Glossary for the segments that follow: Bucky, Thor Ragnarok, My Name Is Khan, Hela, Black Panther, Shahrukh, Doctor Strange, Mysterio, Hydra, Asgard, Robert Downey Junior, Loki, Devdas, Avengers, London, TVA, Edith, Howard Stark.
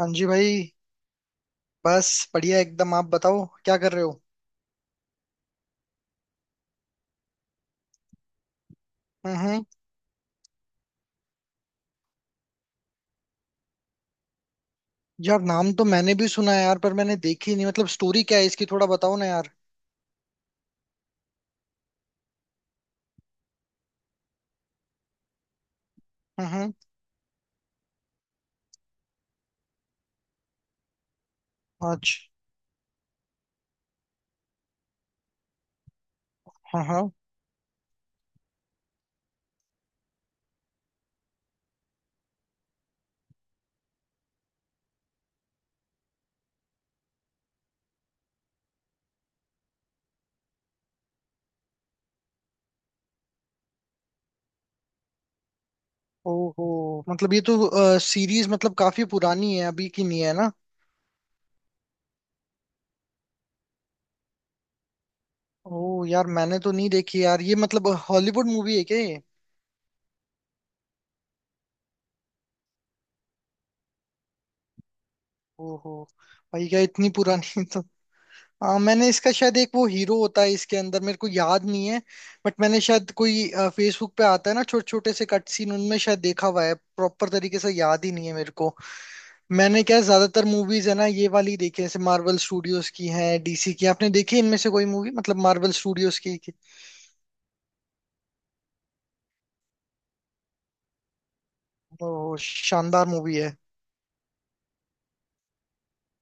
हाँ जी भाई। बस बढ़िया एकदम, आप बताओ क्या कर रहे हो? हम्म हम्म। यार, नाम तो मैंने भी सुना है यार, पर मैंने देखी नहीं। मतलब स्टोरी क्या है इसकी, थोड़ा बताओ ना यार। हम्म हम्म। अच्छा। हाँ हाँ। ओहो, मतलब ये तो सीरीज मतलब काफी पुरानी है, अभी की नहीं है ना? ओह यार, मैंने तो नहीं देखी यार ये, मतलब हॉलीवुड मूवी है क्या ये? ओहो। भाई, क्या इतनी पुरानी! मैंने इसका शायद एक वो हीरो होता है इसके अंदर, मेरे को याद नहीं है। बट मैंने शायद कोई, फेसबुक पे आता है ना छोटे छोटे से कट सीन, उनमें शायद देखा हुआ है। प्रॉपर तरीके से याद ही नहीं है मेरे को। मैंने क्या है, ज्यादातर मूवीज है ना ये वाली देखी है, जैसे मार्वल स्टूडियोज की है, डीसी की आपने देखी है इनमें से कोई मूवी? मतलब मार्वल स्टूडियोज की। ओ, शानदार मूवी है।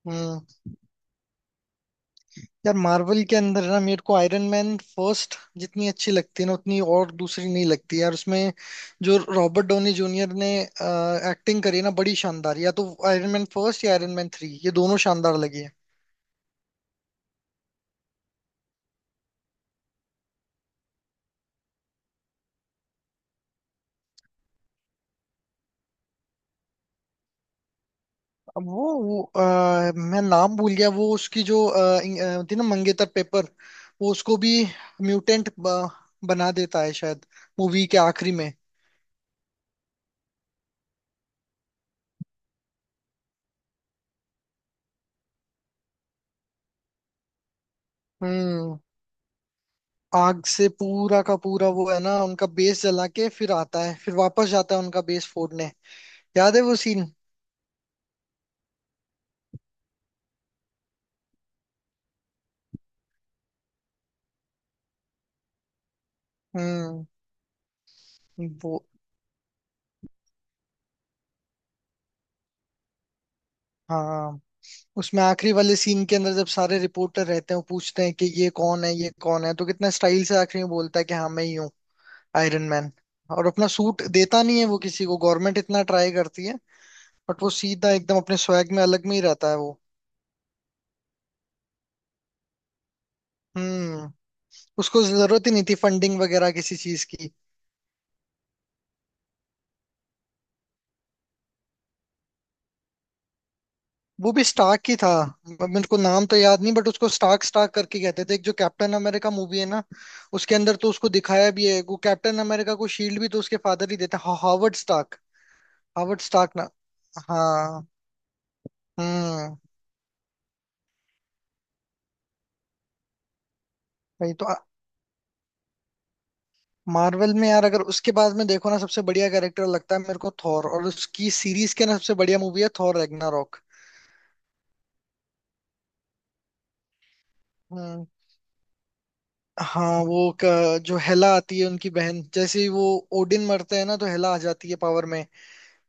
हम्म। यार, मार्वल के अंदर ना मेरे को आयरन मैन फर्स्ट जितनी अच्छी लगती है ना, उतनी और दूसरी नहीं लगती यार उसमें। जो रॉबर्ट डोनी जूनियर ने एक्टिंग करी ना बड़ी शानदार, या तो आयरन मैन फर्स्ट या आयरन मैन थ्री, ये दोनों शानदार लगी है। अब वो मैं नाम भूल गया, वो उसकी जो होती है ना, मंगेतर पेपर। वो उसको भी म्यूटेंट बना देता है शायद, मूवी के आखिरी में। हम्म। आग से पूरा का पूरा वो है ना, उनका बेस जला के फिर आता है, फिर वापस जाता है उनका बेस फोड़ने। याद है वो सीन? हम्म। वो। हाँ। उसमें आखिरी वाले सीन के अंदर जब सारे रिपोर्टर रहते हैं, वो पूछते हैं कि ये कौन है, ये कौन है, तो कितना स्टाइल से आखिरी में बोलता है कि हाँ, मैं ही हूँ आयरन मैन। और अपना सूट देता नहीं है वो किसी को, गवर्नमेंट इतना ट्राई करती है। बट वो सीधा एकदम अपने स्वैग में, अलग में ही रहता है वो। हम्म। उसको जरूरत ही नहीं थी फंडिंग वगैरह किसी चीज की। वो भी स्टार्क ही था। मेरे को नाम तो याद नहीं, बट उसको स्टार्क स्टार्क करके कहते थे, एक जो कैप्टन अमेरिका मूवी है ना। उसके अंदर तो उसको दिखाया भी है, वो कैप्टन अमेरिका को शील्ड भी तो उसके फादर ही देते हैं, हावर्ड स्टार्क। हावर्ड स्टार्क ना। हाँ। हम्म। वही तो। मार्वल में यार अगर उसके बाद में देखो ना, सबसे बढ़िया कैरेक्टर लगता है मेरे को थॉर, और उसकी सीरीज के ना सबसे बढ़िया मूवी है थॉर रैग्नारोक। हम्म। हाँ, वो जो हेला आती है उनकी बहन, जैसे ही वो ओडिन मरते हैं ना, तो हेला आ जाती है पावर में।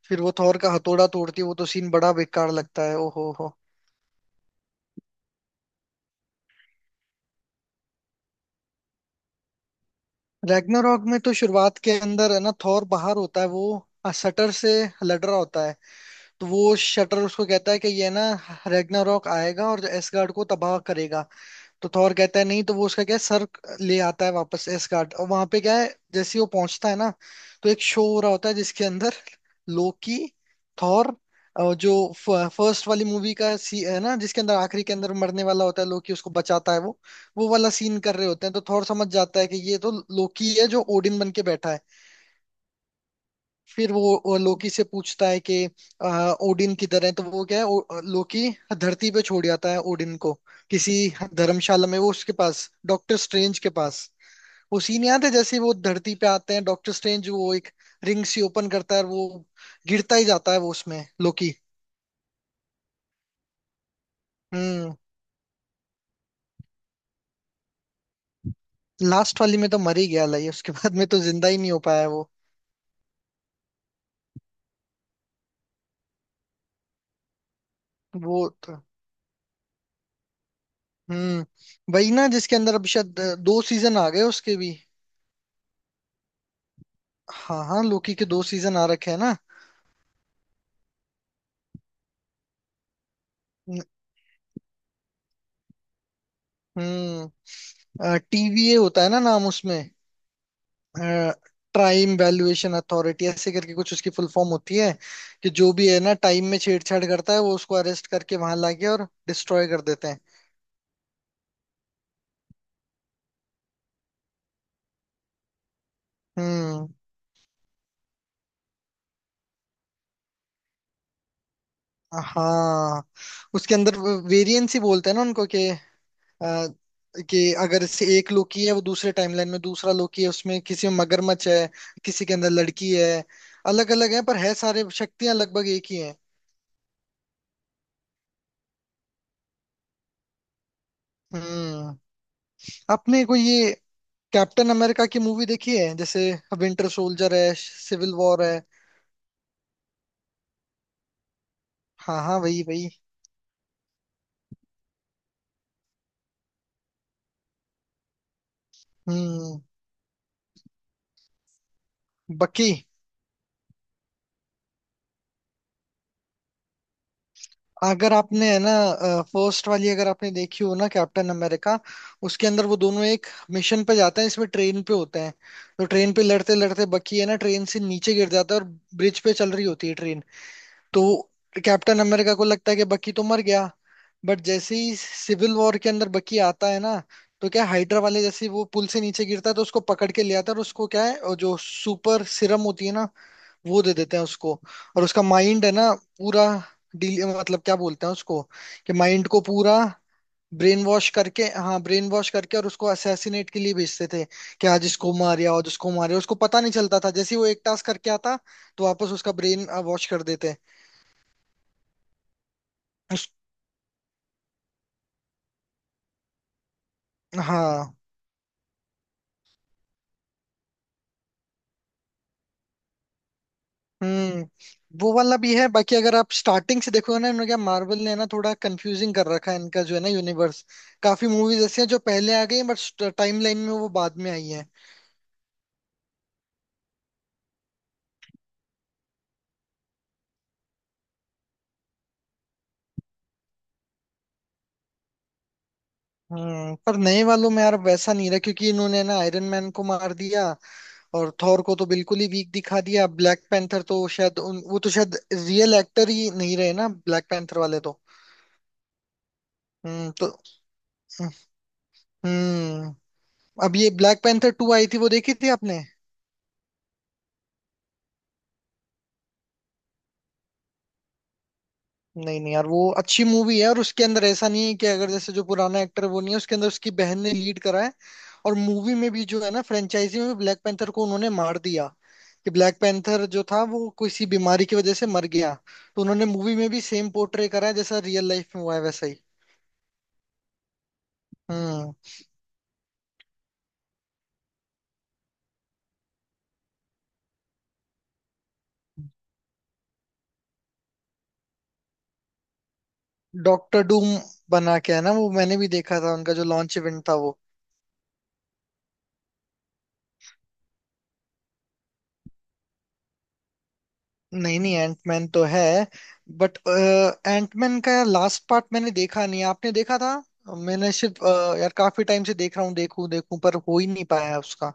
फिर वो थॉर का हथौड़ा तोड़ती है, वो तो सीन बड़ा बेकार लगता है। ओहो हो। रैग्नारॉक में तो शुरुआत के अंदर है ना, थॉर बाहर होता है, वो शटर से लड़ रहा होता है। तो वो शटर उसको कहता है कि ये ना रैग्नारॉक आएगा और एसगार्ड को तबाह करेगा। तो थॉर कहता है नहीं, तो वो उसका क्या है, सर ले आता है वापस एसगार्ड, और वहां पे क्या है जैसे ही वो पहुंचता है ना। तो एक शो हो रहा होता है जिसके अंदर लोकी, थॉर, और जो फर्स्ट वाली मूवी का सी है ना, जिसके अंदर आखिरी के अंदर मरने वाला होता है लोकी, उसको बचाता है वो। वो वाला सीन कर रहे होते हैं, तो थॉर समझ जाता है कि ये तो लोकी है जो ओडिन बन के बैठा है। फिर वो लोकी से पूछता है कि ओडिन किधर है, तो वो क्या है लोकी धरती पे छोड़ जाता है ओडिन को किसी धर्मशाला में, वो उसके पास डॉक्टर स्ट्रेंज के पास। वो सीन याद है जैसे वो धरती पे आते हैं, डॉक्टर स्ट्रेंज वो एक रिंग सी ओपन करता है, और वो गिरता ही जाता है वो उसमें लोकी। हम्म। लास्ट वाली में तो मर ही गया लाइए, उसके बाद में तो जिंदा ही नहीं हो पाया वो। वो तो। हम्म। वही ना जिसके अंदर अभी शायद दो सीजन आ गए उसके भी। हाँ हाँ, लोकी के दो सीजन आ रखे हैं ना। हम्म। टीवीए होता है ना नाम उसमें। टाइम वैल्यूएशन अथॉरिटी ऐसे करके कुछ उसकी फुल फॉर्म होती है, कि जो भी है ना टाइम में छेड़छाड़ करता है, वो उसको अरेस्ट करके वहां लाके और डिस्ट्रॉय कर देते हैं। हम्म। हाँ। उसके अंदर वेरिएंस ही बोलते हैं ना उनको अ, कि अगर इससे एक लोकी है, वो दूसरे टाइमलाइन में दूसरा लोकी है, उसमें किसी में मगरमच्छ है, किसी के अंदर लड़की है। अलग अलग है, पर है सारे शक्तियां लगभग एक ही हैं। हम्म। आपने कोई ये कैप्टन अमेरिका की मूवी देखी है, जैसे विंटर सोल्जर है, सिविल वॉर है? हाँ हाँ, वही वही। हम्म। बकी। अगर आपने है ना फर्स्ट वाली अगर आपने देखी हो ना कैप्टन अमेरिका, उसके अंदर वो दोनों एक मिशन पे जाते हैं, इसमें ट्रेन पे होते हैं। तो ट्रेन पे लड़ते लड़ते बकी है ना ट्रेन से नीचे गिर जाता है, और ब्रिज पे चल रही होती है ट्रेन। तो कैप्टन अमेरिका को लगता है कि बकी तो मर गया। बट जैसे ही सिविल वॉर के अंदर बकी आता है ना, तो क्या, हाइड्रा वाले जैसे ही वो पुल से नीचे गिरता है, तो उसको पकड़ के ले आता है, और उसको क्या है, और जो सुपर सिरम होती है ना। वो दे देते हैं उसको, और उसका माइंड है ना पूरा डील, मतलब क्या बोलते हैं उसको, कि माइंड को पूरा ब्रेन वॉश करके, हाँ, ब्रेन वॉश करके, और उसको असैसिनेट के लिए भेजते थे। कि आज इसको मार या आज उसको मार, या उसको पता नहीं चलता था, जैसे ही वो एक टास्क करके आता तो वापस उसका ब्रेन वॉश कर देते। हाँ। हम्म। वो वाला भी है। बाकी अगर आप स्टार्टिंग से देखोगे ना, इन्होंने क्या मार्वल ने ना थोड़ा कंफ्यूजिंग कर रखा है इनका जो है ना यूनिवर्स। काफी मूवीज ऐसी हैं जो पहले आ गई हैं, बट टाइमलाइन में वो बाद में आई हैं। हम्म। पर नए वालों में यार वैसा नहीं रहा, क्योंकि इन्होंने ना आयरन मैन को मार दिया। और थॉर को तो बिल्कुल ही वीक दिखा दिया। ब्लैक पैंथर तो शायद वो तो शायद रियल एक्टर ही नहीं रहे ना ब्लैक पैंथर वाले तो। हम्म। तो हम्म। अब ये ब्लैक पैंथर टू आई थी, वो देखी थी आपने? नहीं नहीं यार, वो अच्छी मूवी है। और उसके अंदर ऐसा नहीं है कि अगर जैसे जो पुराना एक्टर वो नहीं है, उसके अंदर उसकी बहन ने लीड करा है। और मूवी में भी जो है ना, फ्रेंचाइजी में भी ब्लैक पैंथर को उन्होंने मार दिया। कि ब्लैक पैंथर जो था वो किसी बीमारी की वजह से मर गया। तो उन्होंने मूवी में भी सेम पोर्ट्रे करा है, जैसा रियल लाइफ में हुआ है वैसा ही। हम्म। डॉक्टर डूम बना के है ना वो, मैंने भी देखा था उनका जो लॉन्च इवेंट था वो। नहीं नहीं, एंटमैन तो है। बट एंटमैन का लास्ट पार्ट मैंने देखा नहीं, आपने देखा था? मैंने सिर्फ यार काफी टाइम से देख रहा हूँ, देखूं देखूं पर हो ही नहीं पाया उसका।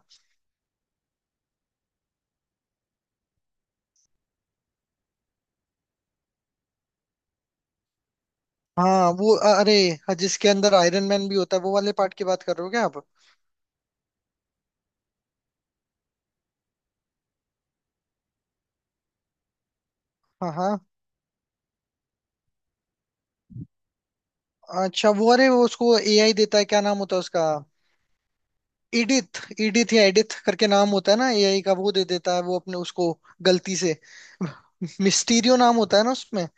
हाँ वो अरे हाँ, जिसके अंदर आयरन मैन भी होता है वो वाले पार्ट की बात कर रहे हो क्या आप? हाँ हाँ। अच्छा वो, अरे वो उसको एआई देता है, क्या नाम होता है उसका? इडिथ इडिथ या एडिथ करके नाम होता है ना एआई का, वो दे देता है वो अपने उसको गलती से। मिस्टीरियो नाम होता है ना उसमें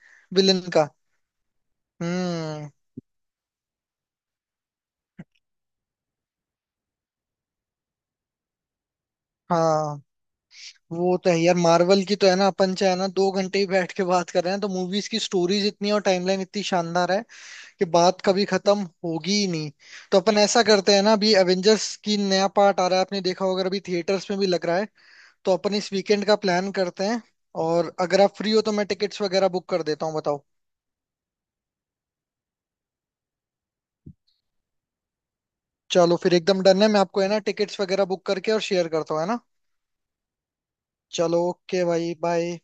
विलन का। हम्म। हाँ, वो तो है यार। मार्वल की तो है ना, अपन चाहे ना 2 घंटे ही बैठ के बात कर रहे हैं, तो मूवीज की स्टोरीज इतनी और टाइमलाइन इतनी शानदार है कि बात कभी खत्म होगी ही नहीं। तो अपन ऐसा करते हैं ना, अभी एवेंजर्स की नया पार्ट आ रहा है, आपने देखा होगा अगर, अभी थिएटर्स में भी लग रहा है। तो अपन इस वीकेंड का प्लान करते हैं, और अगर आप फ्री हो तो मैं टिकट्स वगैरह बुक कर देता हूँ, बताओ। चलो फिर एकदम डन है, मैं आपको है ना टिकट्स वगैरह बुक करके और शेयर करता हूँ, है ना। चलो ओके भाई, बाय।